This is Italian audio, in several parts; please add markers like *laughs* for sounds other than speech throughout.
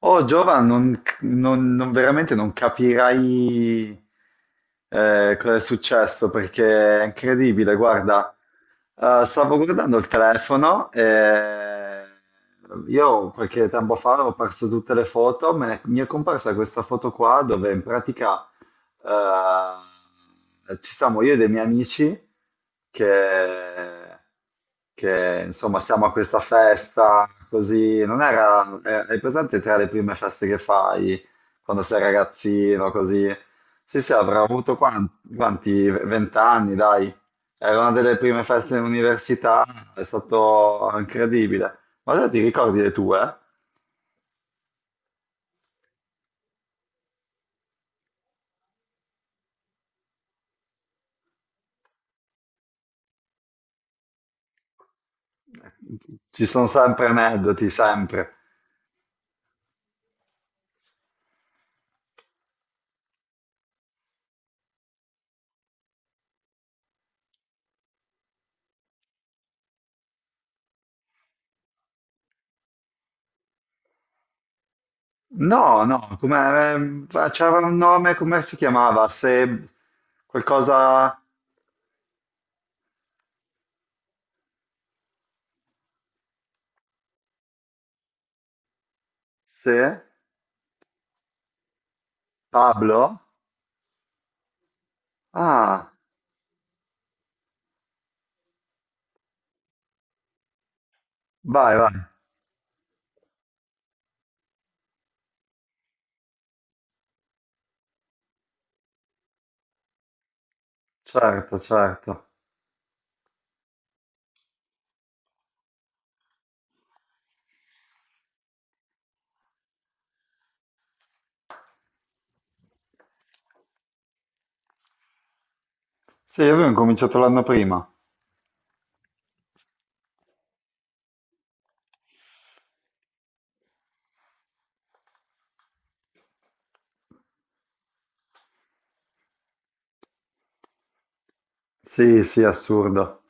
Oh, Giovan, veramente non capirai cosa è successo perché è incredibile. Guarda, stavo guardando il telefono e io qualche tempo fa ho perso tutte le foto, mi è comparsa questa foto qua dove in pratica ci siamo io e dei miei amici che, insomma siamo a questa festa così, non era, hai presente tra le prime feste che fai quando sei ragazzino così? Sì, sì, avrà avuto quanti, vent'anni, dai. Era una delle prime feste in università, è stato incredibile. Ma te ti ricordi le tue? Ci sono sempre aneddoti, sempre. No, come, c'era un nome, come si chiamava? Se qualcosa, se Pablo? Ah, vai, vai, certo, certo. Sì, io avevo cominciato l'anno prima. Sì, sì, assurdo.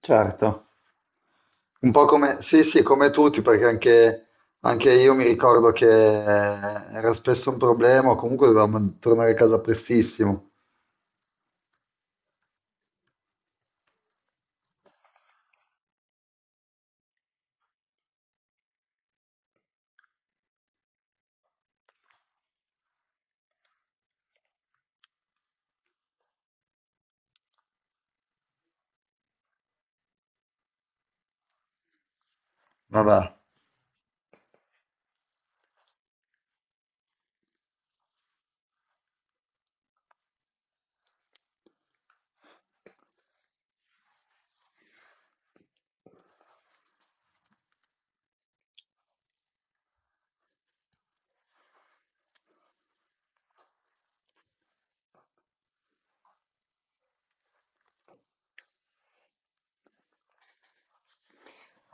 Certo. Un po' come, sì, sì, come tutti, perché anche, anche io mi ricordo che era spesso un problema, o comunque dovevamo tornare a casa prestissimo. Vabbè.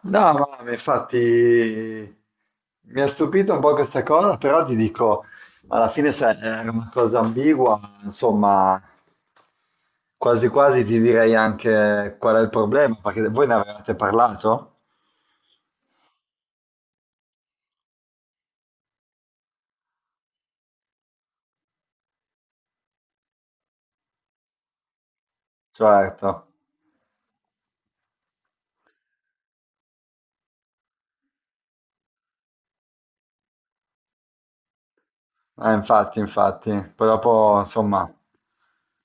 No, ma infatti mi ha stupito un po' questa cosa, però ti dico, alla fine sai, era una cosa ambigua, insomma, quasi quasi ti direi anche qual è il problema, perché voi ne avevate parlato? Certo. Infatti, poi dopo, insomma,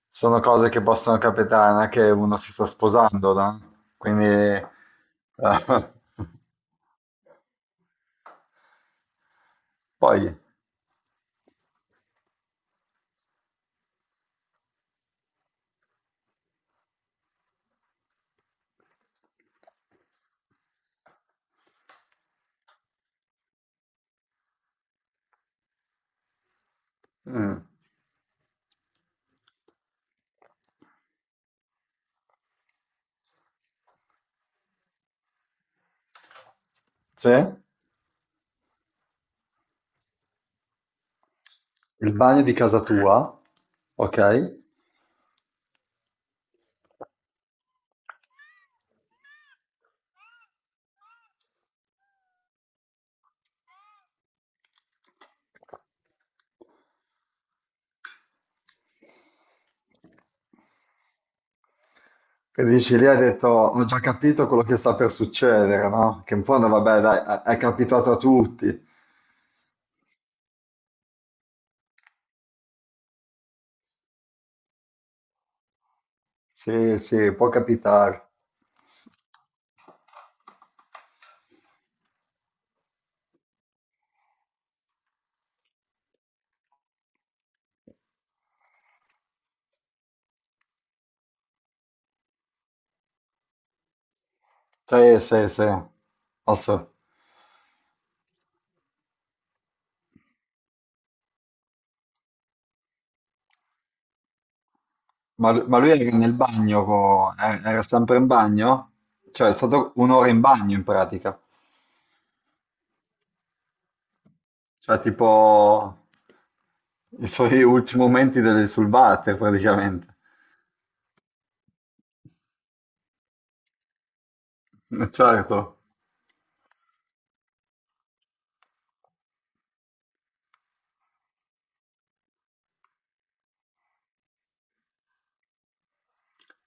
sono cose che possono capitare, non è che uno si sta sposando, no? Quindi... *laughs* Poi, mm. C'è il bagno di casa tua, ok? E dici lì hai detto, ho già capito quello che sta per succedere, no? Che in fondo, vabbè, dai, è capitato a tutti. Sì, sì, può capitare. Sì, sì, sì. Ass- ma lui era nel bagno, era sempre in bagno? Cioè è stato un'ora in bagno in pratica, cioè tipo i suoi ultimi momenti delle sulbate praticamente. *laughs* Certo,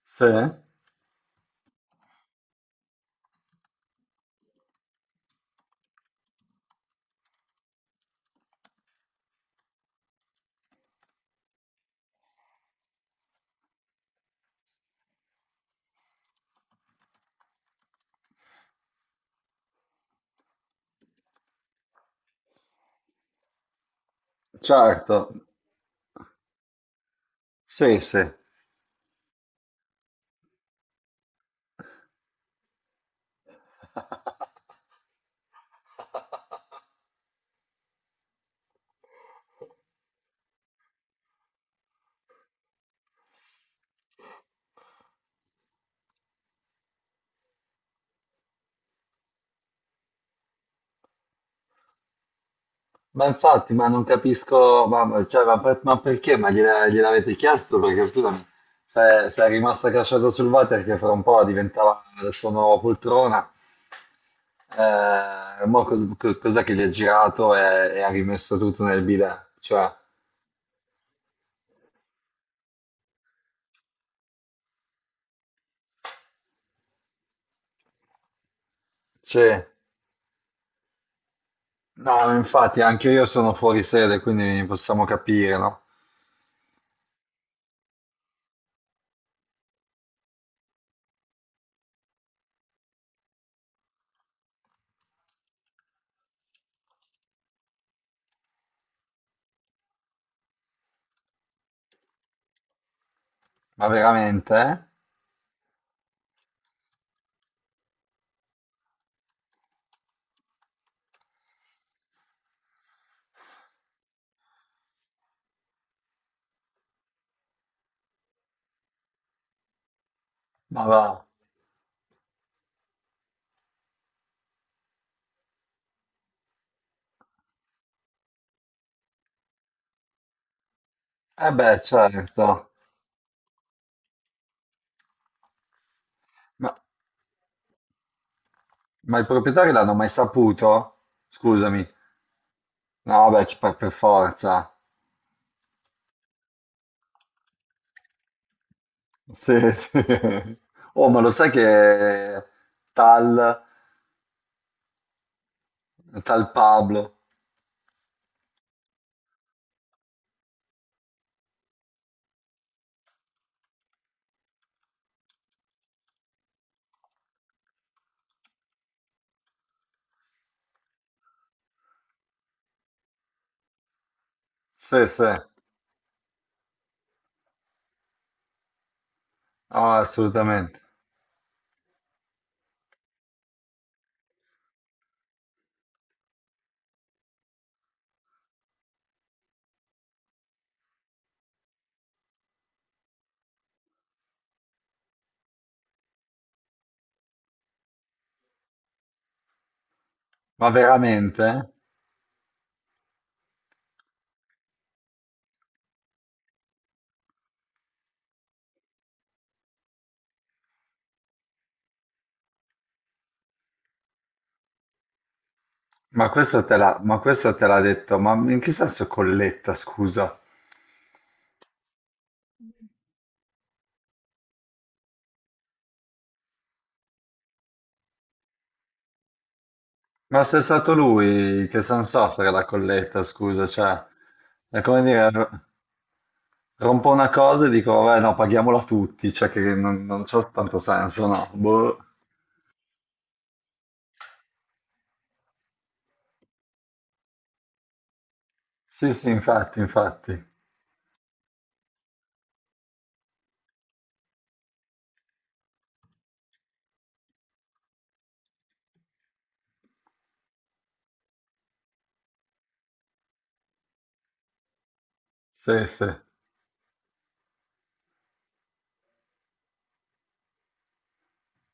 sì, certo, sì, sì. *laughs* Ma infatti, ma non capisco, cioè, ma perché? Gliel'avete chiesto? Perché scusami, se è rimasto accasciato sul water che fra un po' diventava la sua nuova poltrona, mo cos'è che gli ha girato e ha rimesso tutto nel bidet? Cioè, sì, no, infatti anche io sono fuori sede, quindi possiamo capire, no? Ma veramente? Eh? Ma va. Eh beh, certo. Ma, ma il proprietario l'hanno mai saputo? Scusami. No, beh, per forza. Sì, *laughs* sì. Oh, ma lo sai che tal, tal Pablo? Sì, sì. Oh, assolutamente. Ma veramente? Ma questo te l'ha ma questo te l'ha detto, ma in che senso colletta, scusa? Ma se è stato lui che San soffre la colletta, scusa, cioè, è come dire, r- rompo una cosa e dico, vabbè, no, paghiamola tutti, cioè che non c'ha tanto senso, no? Boh. Sì, sì, infatti, infatti. Sì, sì,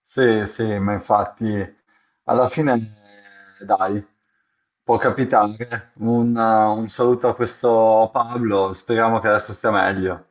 sì, sì, ma infatti alla fine, dai, può capitare. Un saluto a questo Pablo, speriamo che adesso stia meglio.